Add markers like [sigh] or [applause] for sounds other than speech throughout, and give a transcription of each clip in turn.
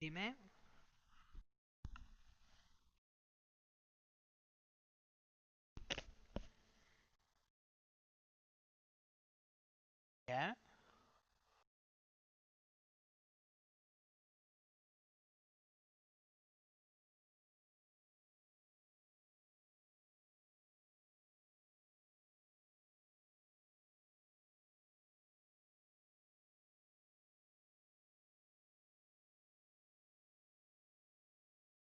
Dime, ya,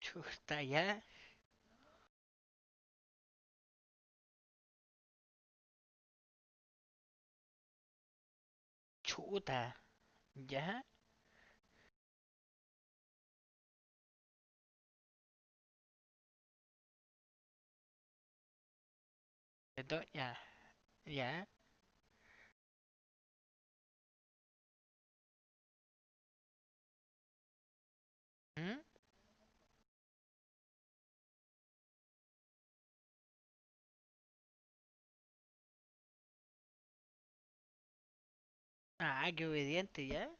chuta, ya, chuta, ya, perdón, ya, ya. ¿Mm? Ah, qué obediente, ya,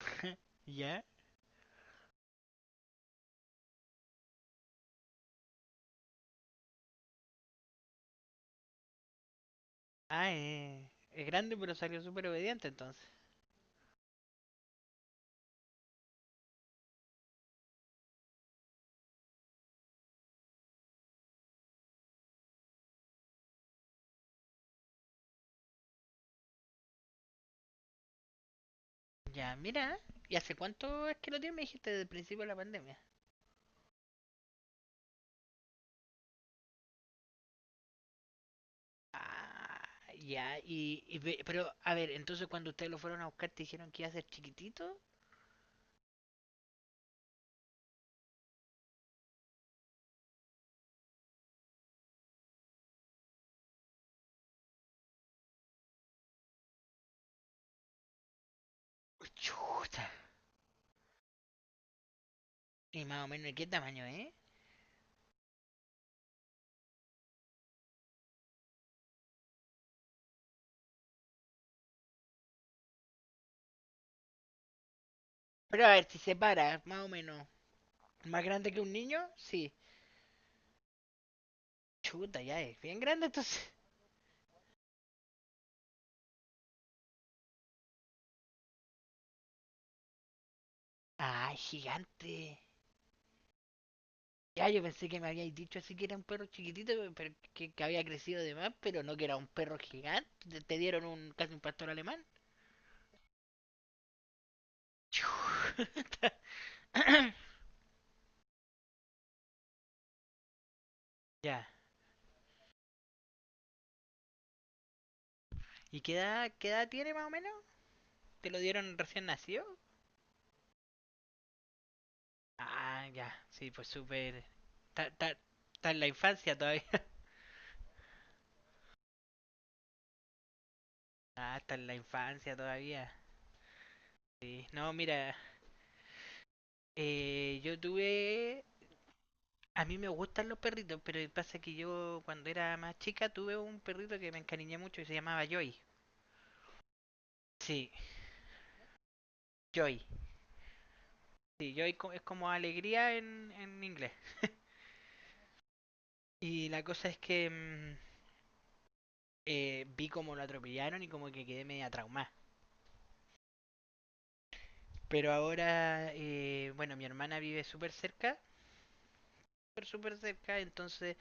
[laughs] ya, ah, es grande pero salió súper obediente entonces. Ya, mira, ¿y hace cuánto es que lo tienes? Me dijiste desde el principio de la pandemia. Ah, ya, pero, a ver, entonces cuando ustedes lo fueron a buscar te dijeron que iba a ser chiquitito. Chuta, y más o menos, ¿de qué tamaño, Pero a ver, si se para, más o menos. ¿Más grande que un niño? Sí. Chuta, ya es bien grande entonces. Ay, gigante. Ya, yo pensé que me habíais dicho así que era un perro chiquitito, pero que había crecido de más, pero no que era un perro gigante. Te dieron un casi un pastor alemán. Chuta. [coughs] Ya. ¿Y qué edad tiene más o menos? ¿Te lo dieron recién nacido? Ah, ya. Sí, pues súper... Está, está en la infancia todavía. [laughs] Ah, está en la infancia todavía. Sí. No, mira, yo tuve. A mí me gustan los perritos, pero pasa que yo cuando era más chica tuve un perrito que me encariñé mucho y se llamaba Joy. Sí, Joy. Sí, es como alegría en inglés. Y la cosa es que vi como lo atropellaron y como que quedé media traumada. Pero ahora, bueno, mi hermana vive súper cerca, súper, súper cerca, entonces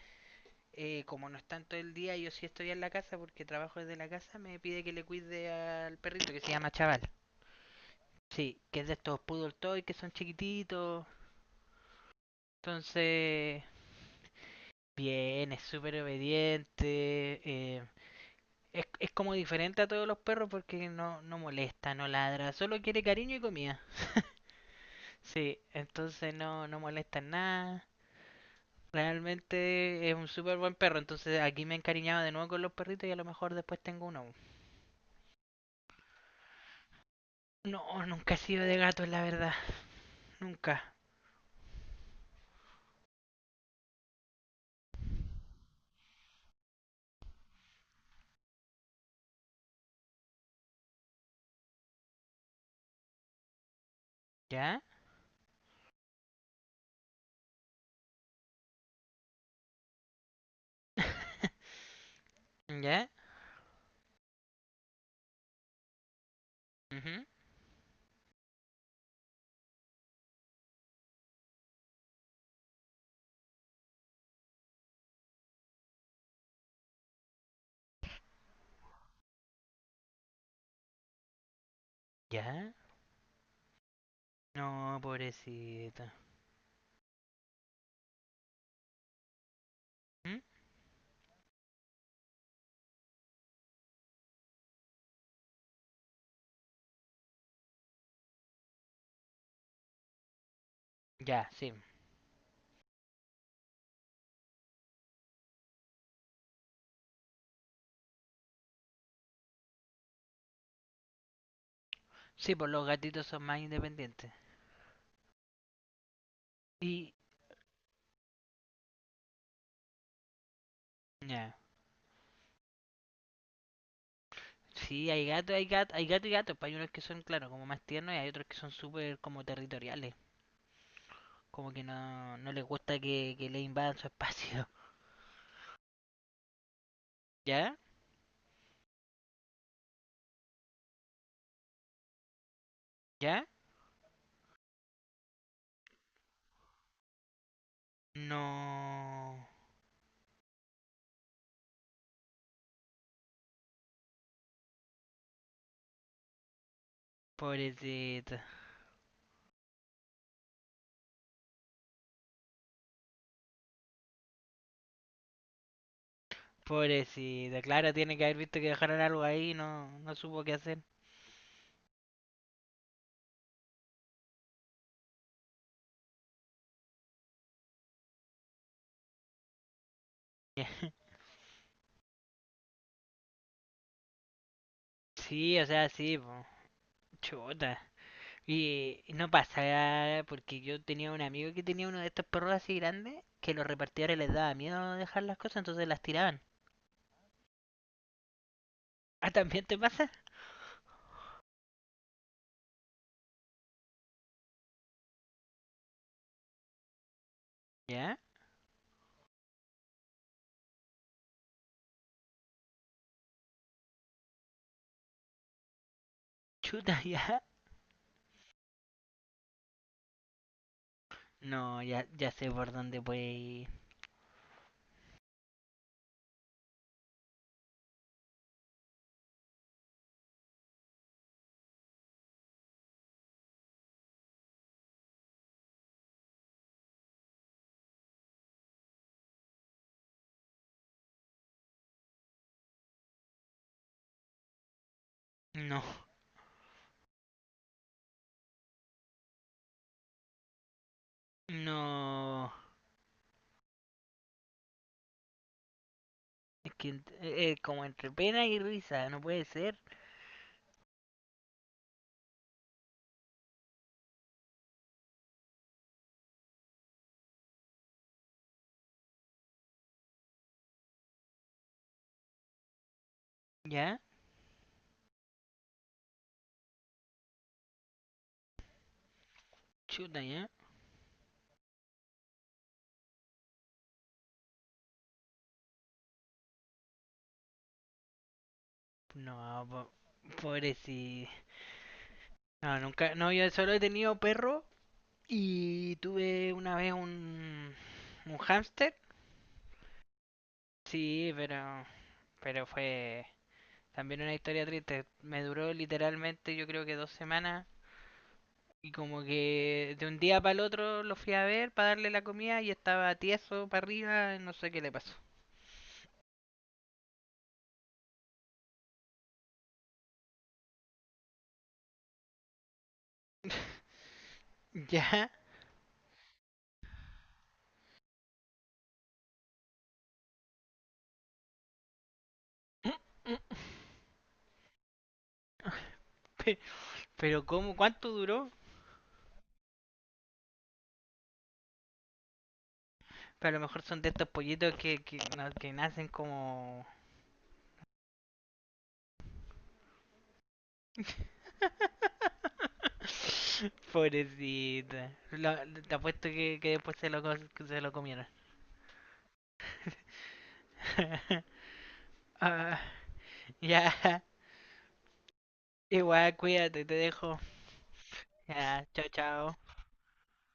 como no están todo el día, yo sí estoy en la casa porque trabajo desde la casa, me pide que le cuide al perrito que se llama Chaval. Sí, que es de estos poodle toy que son chiquititos. Entonces, bien, es súper obediente. eh, es como diferente a todos los perros porque no, no molesta, no ladra, solo quiere cariño y comida. Sí, entonces no, no molesta en nada. Realmente es un súper buen perro, entonces aquí me he encariñado de nuevo con los perritos y a lo mejor después tengo uno. No, nunca he sido de gatos, la verdad, nunca. ¿Ya? [laughs] ¿Ya? Ujú. ¿Ya? No, pobrecita. ¿Mm? Ya, sí. Sí, pues los gatitos son más independientes. Y, ya. Sí, hay gato, hay gato, hay gato y gatos. Pues hay unos que son, claro, como más tiernos y hay otros que son súper como territoriales. Como que no, no les gusta que le invadan su espacio. [laughs] ¿Ya? ¿Ya? No. Pobrecita. Pobrecita. Claro, tiene que haber visto que dejaron algo ahí y no, no supo qué hacer. [laughs] Yeah. Sí, o sea, sí, pues. Chuta. Y no pasa, porque yo tenía un amigo que tenía uno de estos perros así grandes, que los repartidores les daba miedo dejar las cosas, entonces las tiraban. [laughs] Ah, ¿también te pasa? ¿Ya? Chuta, [laughs] ya. No, ya, ya sé por dónde puede ir. No, no. Es que como entre pena y risa, no puede ser. ¿Ya? Chuta, ya. No, po- pobrecito. No, nunca, no, yo solo he tenido perro y tuve una vez un hámster. Sí, pero fue también una historia triste. Me duró literalmente yo creo que dos semanas y como que de un día para el otro lo fui a ver para darle la comida y estaba tieso para arriba, no sé qué le pasó. [laughs] Ya. Pe- Pero ¿cómo? ¿Cuánto duró? Pero a lo mejor son de estos pollitos que nacen como... [laughs] Pobrecita. Te apuesto que después se que se lo comieron. [laughs] Ah, ya, igual, cuídate, te dejo. Ya, chao, chao.